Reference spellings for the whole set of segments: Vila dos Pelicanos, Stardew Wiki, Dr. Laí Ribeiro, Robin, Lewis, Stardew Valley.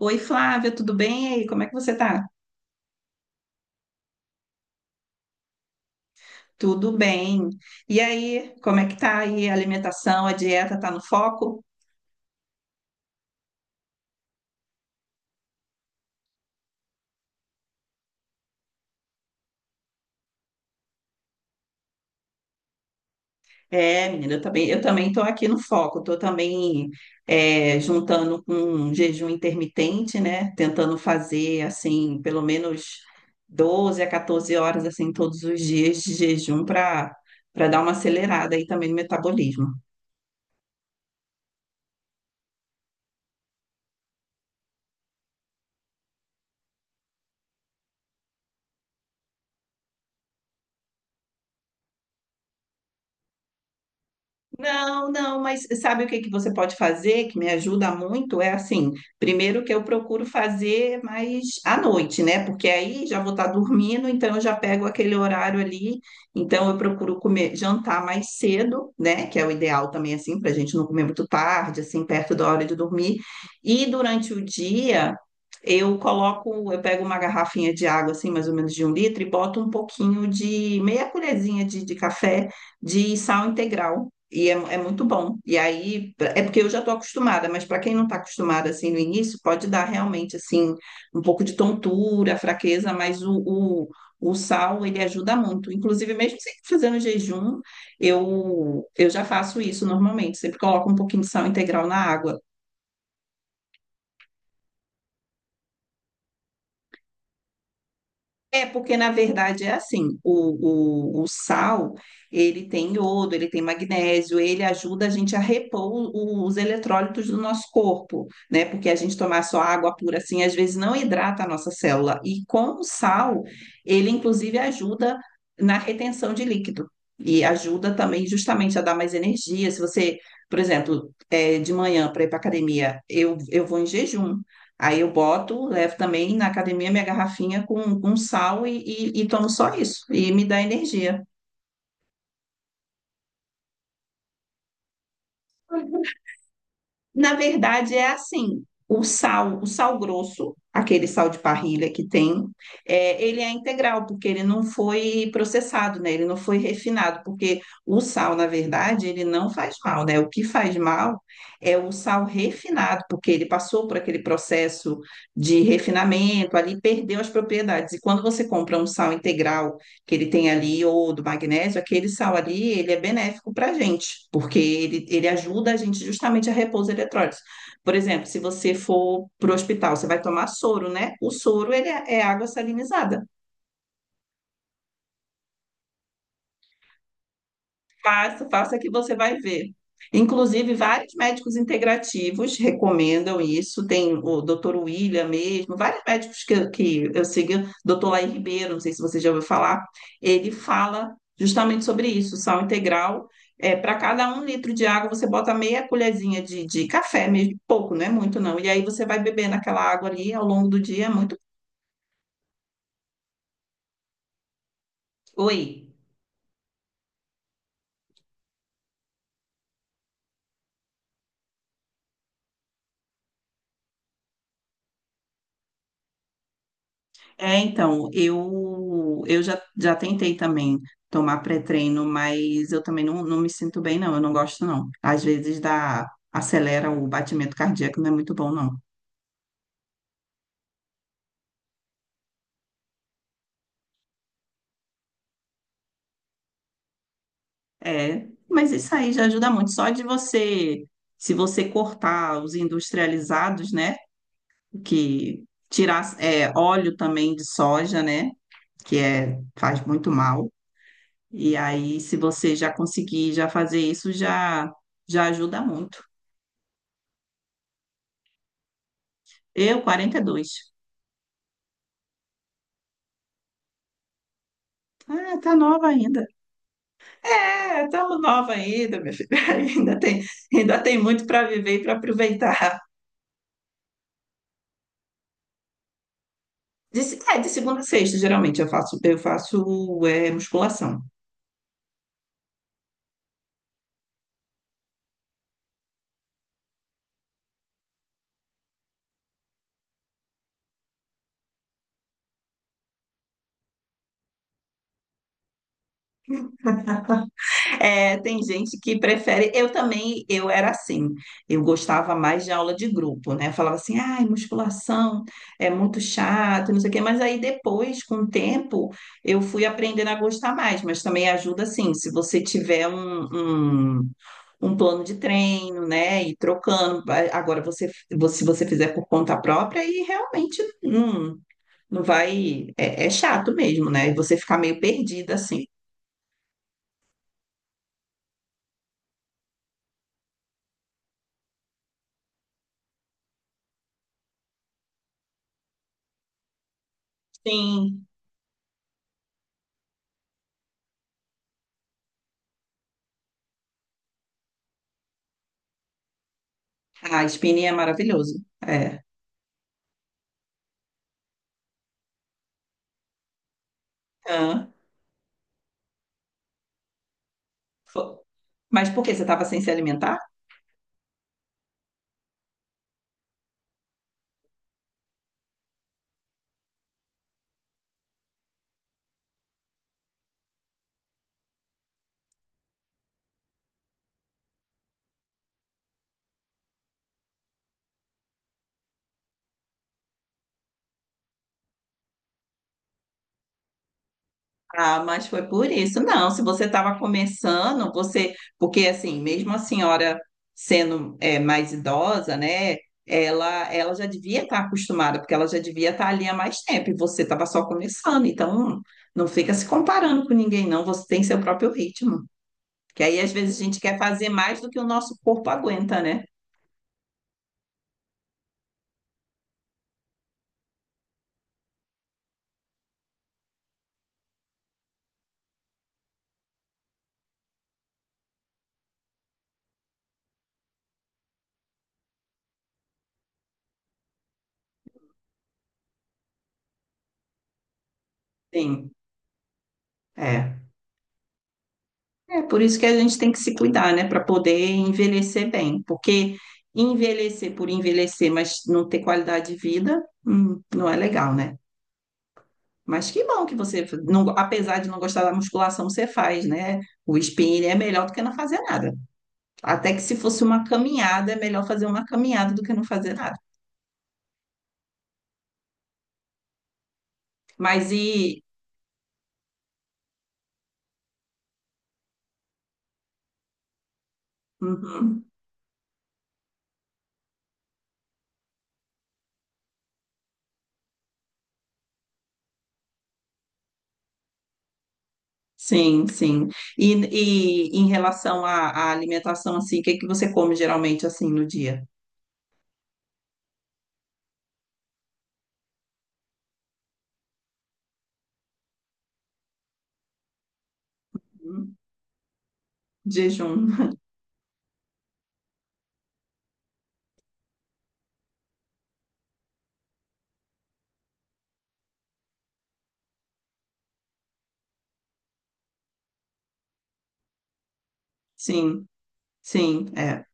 Oi, Flávia, tudo bem? E aí, como é que você tá? Tudo bem. E aí, como é que tá aí a alimentação, a dieta tá no foco? É, menina, eu também tô aqui no foco, tô também juntando com um jejum intermitente, né? Tentando fazer, assim, pelo menos 12 a 14 horas, assim, todos os dias de jejum para dar uma acelerada aí também no metabolismo. Não, não, mas sabe o que que você pode fazer que me ajuda muito? É assim, primeiro que eu procuro fazer mais à noite, né? Porque aí já vou estar dormindo, então eu já pego aquele horário ali, então eu procuro comer, jantar mais cedo, né? Que é o ideal também, assim, para a gente não comer muito tarde, assim, perto da hora de dormir. E durante o dia. Eu coloco, eu pego uma garrafinha de água, assim, mais ou menos de um litro, e boto um pouquinho de meia colherzinha de café de sal integral. É muito bom. E aí, é porque eu já estou acostumada, mas para quem não está acostumada assim no início, pode dar realmente assim um pouco de tontura, fraqueza, mas o sal ele ajuda muito. Inclusive, mesmo sempre fazendo jejum, eu já faço isso normalmente. Sempre coloco um pouquinho de sal integral na água. É, porque na verdade é assim, o sal, ele tem iodo, ele tem magnésio, ele ajuda a gente a repor os eletrólitos do nosso corpo, né? Porque a gente tomar só água pura assim, às vezes não hidrata a nossa célula. E com o sal, ele inclusive ajuda na retenção de líquido. E ajuda também justamente a dar mais energia. Se você, por exemplo, de manhã para ir para academia, eu vou em jejum. Aí eu boto, levo também na academia minha garrafinha com sal e tomo só isso, e me dá energia. Na verdade, é assim: o sal grosso, aquele sal de parrilha que tem, ele é integral, porque ele não foi processado, né? Ele não foi refinado, porque o sal, na verdade, ele não faz mal, né? O que faz mal é o sal refinado, porque ele passou por aquele processo de refinamento, ali perdeu as propriedades. E quando você compra um sal integral, que ele tem ali, ou do magnésio, aquele sal ali, ele é benéfico para a gente, porque ele ajuda a gente justamente a repor os eletrólitos. Por exemplo, se você for para o hospital, você vai tomar soro, né? O soro, ele é água salinizada. Faça, faça que você vai ver. Inclusive, vários médicos integrativos recomendam isso. Tem o Dr. William mesmo, vários médicos que eu sigo, Dr. Laí Ribeiro, não sei se você já ouviu falar, ele fala justamente sobre isso, sal integral. É, para cada um litro de água, você bota meia colherzinha de café mesmo, pouco, não é muito não. E aí você vai bebendo aquela água ali ao longo do dia, é muito. Oi. É, então, eu já tentei também tomar pré-treino, mas eu também não, não me sinto bem, não. Eu não gosto, não. Às vezes dá, acelera o batimento cardíaco, não é muito bom, não. É, mas isso aí já ajuda muito. Só de você, se você cortar os industrializados, né? Que tirar, óleo também de soja, né? Que faz muito mal. E aí, se você já conseguir já fazer isso, já, ajuda muito. Eu, 42. Ah, tá nova ainda. É, estamos nova ainda, minha filha. Ainda tem muito para viver e para aproveitar. De, se- é, de segunda a sexta, geralmente eu faço musculação. É, tem gente que prefere. Eu também, eu era assim. Eu gostava mais de aula de grupo, né? Eu falava assim, ai, musculação é muito chato, não sei o quê. Mas aí depois, com o tempo, eu fui aprendendo a gostar mais. Mas também ajuda, assim, se você tiver um, um um plano de treino, né? E trocando. Agora, se você fizer por conta própria, aí realmente não, não vai. É chato mesmo, né? E você ficar meio perdida assim. Sim. A spinning é maravilhoso. É. Hã? Fo- Mas por que você estava sem se alimentar? Ah, mas foi por isso. Não, se você estava começando, você. Porque, assim, mesmo a senhora sendo mais idosa, né? Ela já devia estar acostumada, porque ela já devia estar ali há mais tempo, e você estava só começando. Então, não fica se comparando com ninguém, não. Você tem seu próprio ritmo. Que aí, às vezes, a gente quer fazer mais do que o nosso corpo aguenta, né? Sim, é. É por isso que a gente tem que se cuidar, né, para poder envelhecer bem, porque envelhecer por envelhecer, mas não ter qualidade de vida, não é legal, né? Mas que bom que você, não- apesar de não gostar da musculação, você faz, né? O spinning é melhor do que não fazer nada. Até que se fosse uma caminhada, é melhor fazer uma caminhada do que não fazer nada. Mas e. Uhum. Sim, sim. E, e em relação à alimentação, assim, o que que você come geralmente, assim, no dia? Hum, Jejum. Sim, sim, é.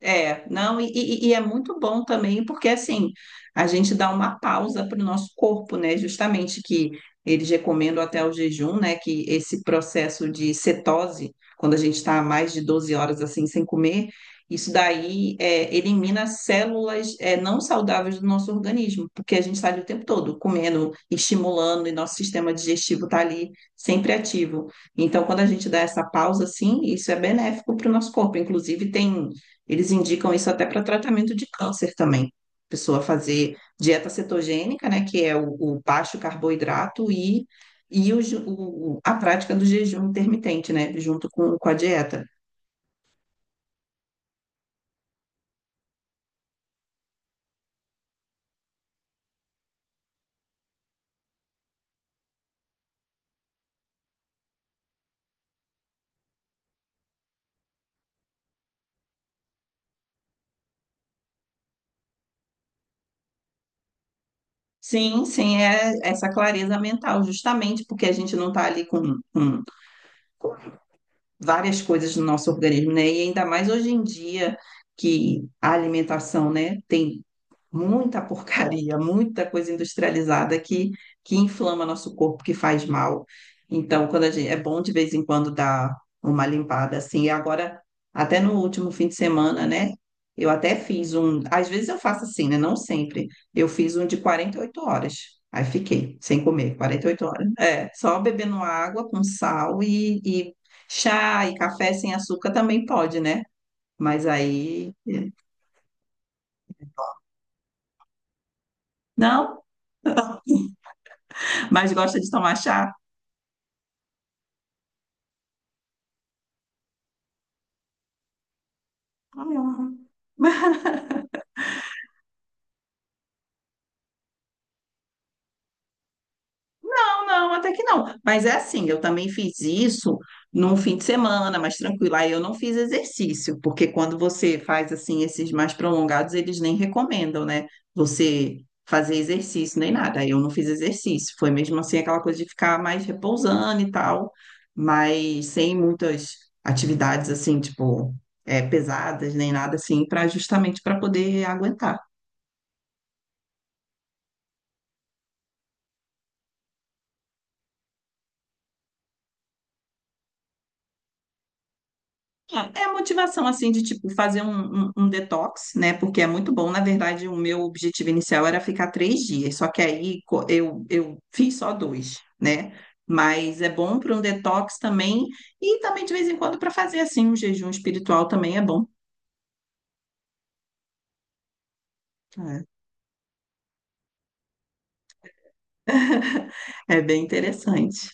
É, não, e é muito bom também, porque assim, a gente dá uma pausa para o nosso corpo, né? Justamente que eles recomendam até o jejum, né? Que esse processo de cetose, quando a gente está mais de 12 horas assim sem comer, isso daí elimina células não saudáveis do nosso organismo, porque a gente está ali o tempo todo comendo, estimulando, e nosso sistema digestivo está ali sempre ativo. Então, quando a gente dá essa pausa, assim, isso é benéfico para o nosso corpo. Inclusive, tem. Eles indicam isso até para tratamento de câncer também. Pessoa fazer dieta cetogênica, né, que é o baixo carboidrato e a prática do jejum intermitente, né, junto com a dieta. Sim, sim, é essa clareza mental, justamente porque a gente não está ali com, várias coisas no nosso organismo, né? E ainda mais hoje em dia que a alimentação, né, tem muita porcaria, muita coisa industrializada que inflama nosso corpo, que faz mal. Então, quando a gente, é bom de vez em quando dar uma limpada assim. E agora, até no último fim de semana, né? Eu até fiz um, às vezes eu faço assim, né? Não sempre. Eu fiz um de 48 horas. Aí fiquei sem comer 48 horas. É, só bebendo água com sal e chá e café sem açúcar também pode, né? Mas aí. Não? Mas gosta de tomar chá? Ah, eu amo. Não, não, até que não. Mas é assim, eu também fiz isso num fim de semana, mais tranquilo. Aí eu não fiz exercício, porque quando você faz assim esses mais prolongados, eles nem recomendam, né? Você fazer exercício nem nada. Aí eu não fiz exercício. Foi mesmo assim aquela coisa de ficar mais repousando e tal, mas sem muitas atividades assim, tipo, pesadas nem nada assim, para justamente para poder aguentar. É a motivação, assim, de, tipo, fazer um detox, né? Porque é muito bom. Na verdade, o meu objetivo inicial era ficar 3 dias, só que aí eu fiz só dois, né? Mas é bom para um detox também. E também, de vez em quando, para fazer, assim, um jejum espiritual também é bom. É, é bem interessante.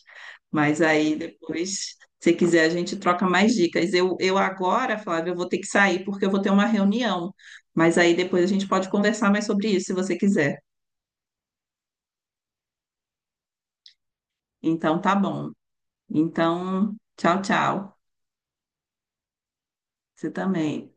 Mas aí, depois, se quiser, a gente troca mais dicas. Eu agora, Flávia, eu vou ter que sair porque eu vou ter uma reunião. Mas aí, depois, a gente pode conversar mais sobre isso, se você quiser. Então tá bom. Então, tchau, tchau. Você também.